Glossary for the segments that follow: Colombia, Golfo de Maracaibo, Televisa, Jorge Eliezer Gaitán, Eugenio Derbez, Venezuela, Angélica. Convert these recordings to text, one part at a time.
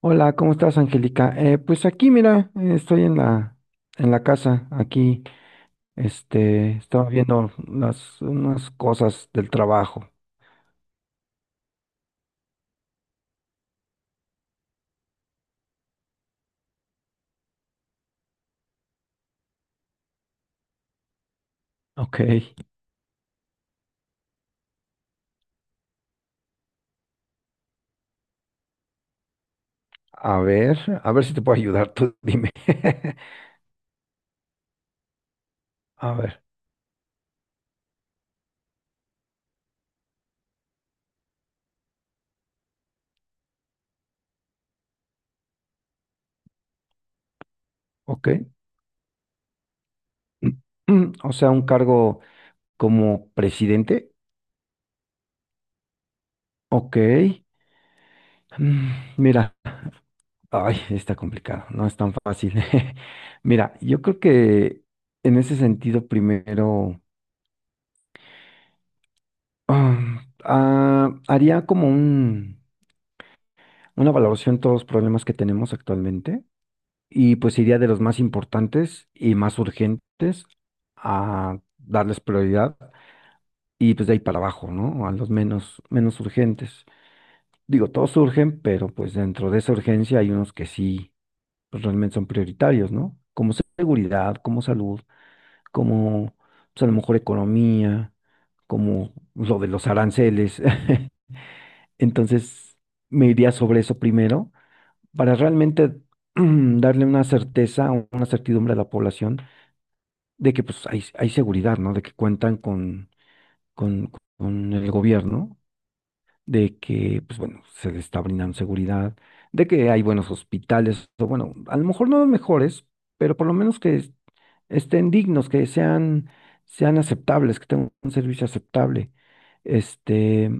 Hola, ¿cómo estás, Angélica? Pues aquí, mira, estoy en la casa, aquí, estaba viendo las, unas cosas del trabajo. Ok. A ver, a ver si te puedo ayudar, tú dime. A ver, ok. O sea, un cargo como presidente. Ok. Mm, Mira, ay, está complicado, no es tan fácil. Mira, yo creo que en ese sentido, primero. Haría como un, una valoración de todos los problemas que tenemos actualmente y pues iría de los más importantes y más urgentes a darles prioridad y pues de ahí para abajo, ¿no? A los menos, menos urgentes. Digo, todos surgen, pero pues dentro de esa urgencia hay unos que sí, pues realmente son prioritarios, ¿no? Como seguridad, como salud, como pues a lo mejor economía, como lo de los aranceles. Entonces, me iría sobre eso primero para realmente darle una certeza, o una certidumbre a la población de que pues hay seguridad, ¿no? De que cuentan con, con el gobierno, de que, pues bueno, se les está brindando seguridad, de que hay buenos hospitales, o bueno, a lo mejor no los mejores, pero por lo menos que estén dignos, que sean, sean aceptables, que tengan un servicio aceptable. Este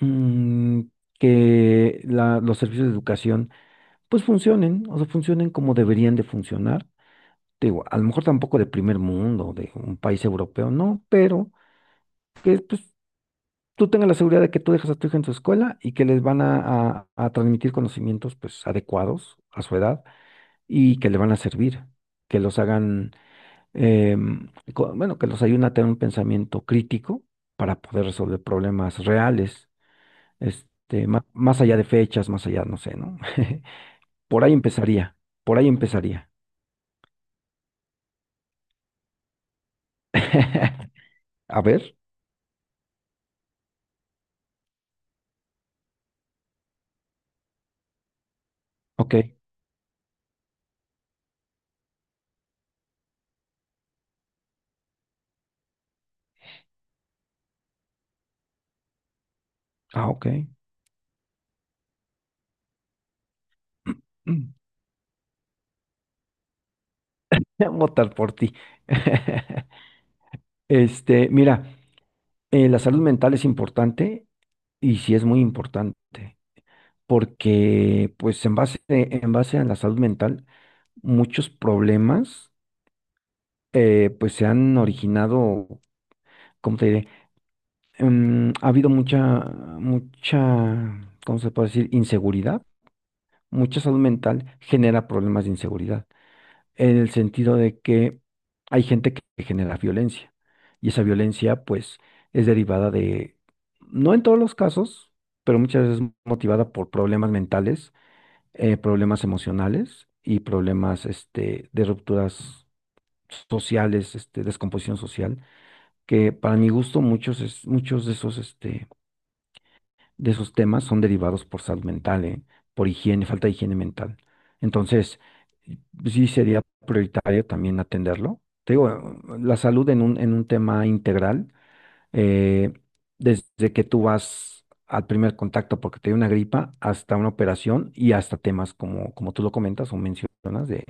mm, que los servicios de educación pues funcionen, o sea, funcionen como deberían de funcionar. Te digo, a lo mejor tampoco de primer mundo, de un país europeo, no, pero que pues, tú tengas la seguridad de que tú dejas a tu hija en su escuela y que les van a transmitir conocimientos pues adecuados a su edad y que le van a servir, que los hagan, bueno, que los ayuden a tener un pensamiento crítico para poder resolver problemas reales. Este, más allá de fechas, más allá, no sé, ¿no? Por ahí empezaría, por ahí empezaría. A ver, ok. Ah, ok. Mm. Votar por ti. Este, mira, la salud mental es importante y sí es muy importante, porque pues en base a la salud mental, muchos problemas pues se han originado, ¿cómo te diré? Ha habido mucha, mucha, ¿cómo se puede decir? Inseguridad. Mucha salud mental genera problemas de inseguridad, en el sentido de que hay gente que genera violencia y esa violencia pues es derivada de, no en todos los casos, pero muchas veces motivada por problemas mentales, problemas emocionales y problemas de rupturas sociales, este, descomposición social, que para mi gusto muchos, muchos de esos de esos temas son derivados por salud mental, ¿eh? Por higiene, falta de higiene mental. Entonces, y- sí sería prioritario también atenderlo. Te digo, la salud en un tema integral, eh, desde que tú vas al primer contacto porque te dio una gripa, hasta una operación y hasta temas como, como tú lo comentas o mencionas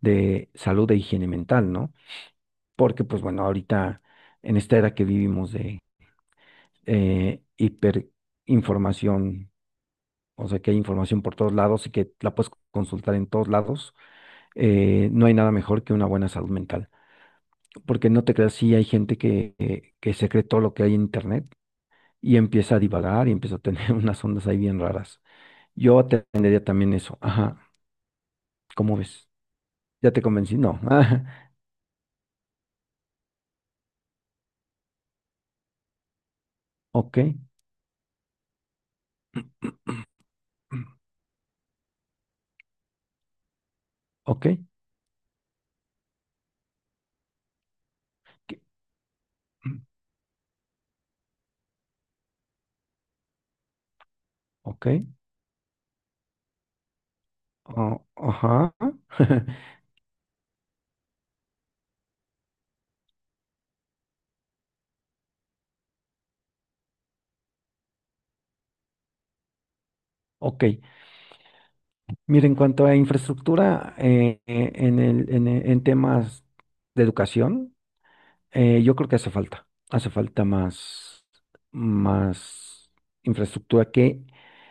de salud e higiene mental, ¿no? Porque, pues bueno, ahorita en esta era que vivimos de hiperinformación, o sea que hay información por todos lados y que la puedes consultar en todos lados. No hay nada mejor que una buena salud mental. Porque no te creas, sí hay gente que se cree todo lo que hay en Internet y empieza a divagar y empieza a tener unas ondas ahí bien raras. Yo atendería también eso. Ajá, ¿cómo ves? ¿Ya te convencí? No. Ah, ok, ok, que- ok, oh, ajá. Ok. Mira, en cuanto a infraestructura, en el, en temas de educación, yo creo que hace falta más, más infraestructura que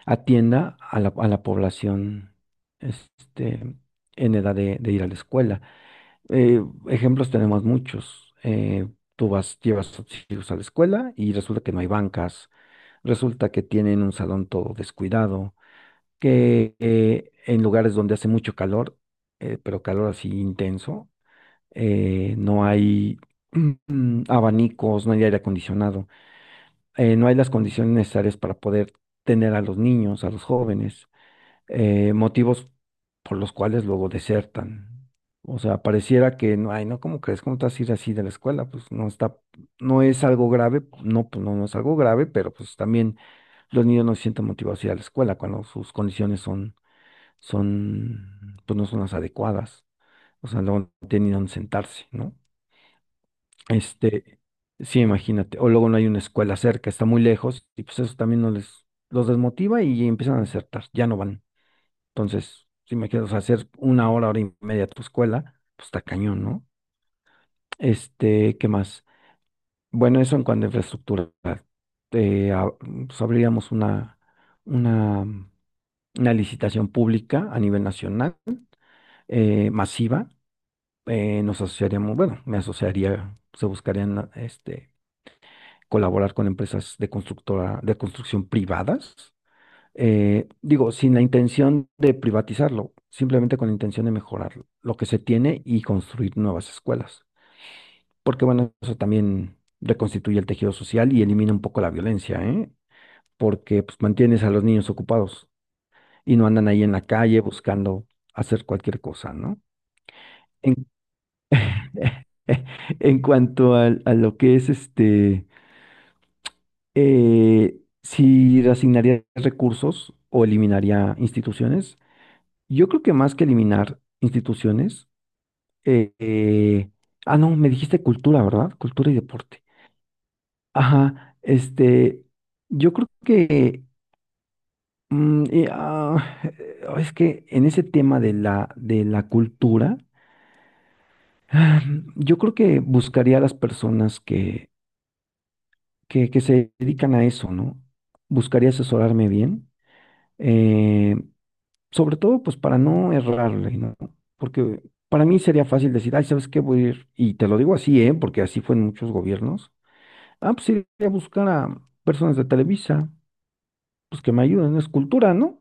atienda a la población este, en edad de ir a la escuela. Eh, ejemplos tenemos muchos. Tú vas, llevas a tus hijos a la escuela y resulta que no hay bancas, resulta que tienen un salón todo descuidado, que en lugares donde hace mucho calor, pero calor así intenso, no hay abanicos, no hay aire acondicionado, no hay las condiciones necesarias para poder tener a los niños, a los jóvenes, motivos por los cuales luego desertan. O sea, pareciera que no ay, ¿no? ¿Cómo crees? ¿Cómo te vas a ir así de la escuela? Pues no está, no es algo grave, no, pues no, no es algo grave, pero pues también los niños no se sienten motivados a ir a la escuela cuando sus condiciones son, son, pues no son las adecuadas. O sea, luego no tienen ni dónde sentarse, ¿no? Este, sí, imagínate. O luego no hay una escuela cerca, está muy lejos, y pues eso también no les, los desmotiva y empiezan a desertar, ya no van. Entonces, si me quieres hacer una hora, hora y media a tu escuela, pues está cañón, ¿no? Este, ¿qué más? Bueno, eso en cuanto a infraestructura. Eh, a- pues abriríamos una, una licitación pública a nivel nacional, masiva. Nos asociaríamos, bueno, me asociaría, se buscarían colaborar con empresas de constructora, de construcción privadas. Digo, sin la intención de privatizarlo, simplemente con la intención de mejorar lo que se tiene y construir nuevas escuelas. Porque bueno, eso también reconstituye el tejido social y elimina un poco la violencia, ¿eh? Porque pues mantienes a los niños ocupados y no andan ahí en la calle buscando hacer cualquier cosa, ¿no? En, en cuanto lo que es si reasignaría recursos o eliminaría instituciones, yo creo que más que eliminar instituciones, eh, eh, no, me dijiste cultura, ¿verdad? Cultura y deporte. Ajá, yo creo que, es que en ese tema de la cultura, ah, yo creo que buscaría a las personas que se dedican a eso, ¿no? Buscaría asesorarme bien. eh, sobre todo pues para no errarle, ¿no? Porque para mí sería fácil decir, ay, ¿sabes qué? Voy a ir, y te lo digo así, ¿eh? Porque así fue en muchos gobiernos. Ah, pues iré a buscar a personas de Televisa, pues que me ayuden, es cultura, ¿no?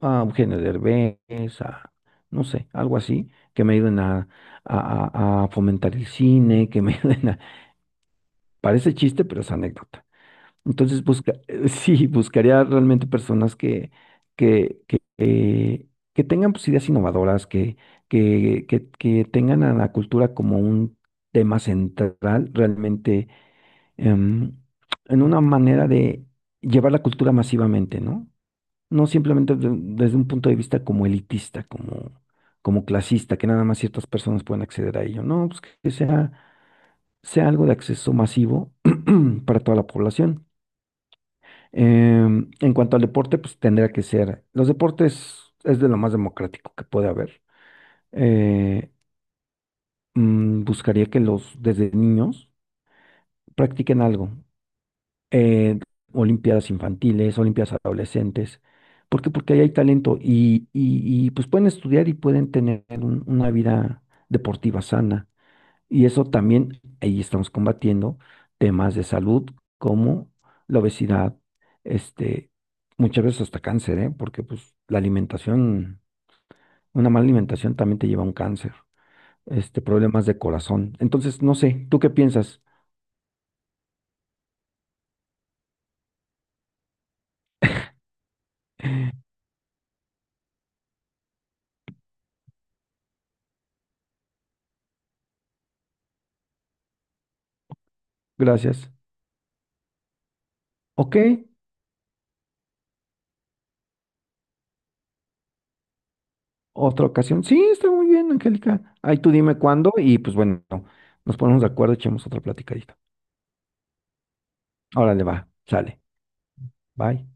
A Eugenio Derbez, a, no sé, algo así, que me ayuden a, a fomentar el cine, que me ayuden a... Parece chiste, pero es anécdota. Entonces, busca, sí, buscaría realmente personas que, que, eh, que tengan pues, ideas innovadoras, que tengan a la cultura como un tema central, realmente em, en una manera de llevar la cultura masivamente, ¿no? No simplemente desde un punto de vista como elitista, como, como clasista, que nada más ciertas personas pueden acceder a ello. No, pues que sea, sea algo de acceso masivo para toda la población. Em, en cuanto al deporte, pues tendría que ser. Los deportes es de lo más democrático que puede haber. Eh, buscaría que los desde niños practiquen algo. Eh, olimpiadas infantiles, olimpiadas adolescentes. ¿Por qué? Porque ahí hay talento y, pues pueden estudiar y pueden tener una vida deportiva sana. Y eso también, ahí estamos combatiendo temas de salud como la obesidad, este, muchas veces hasta cáncer, ¿eh? Porque pues la alimentación, una mala alimentación también te lleva a un cáncer, este, problemas de corazón. Entonces, no sé, ¿tú qué piensas? Gracias. Ok, otra ocasión. Sí, está muy bien, Angélica. Ahí tú dime cuándo y pues bueno, nos ponemos de acuerdo, echemos otra platicadita. Órale, va, sale. Bye.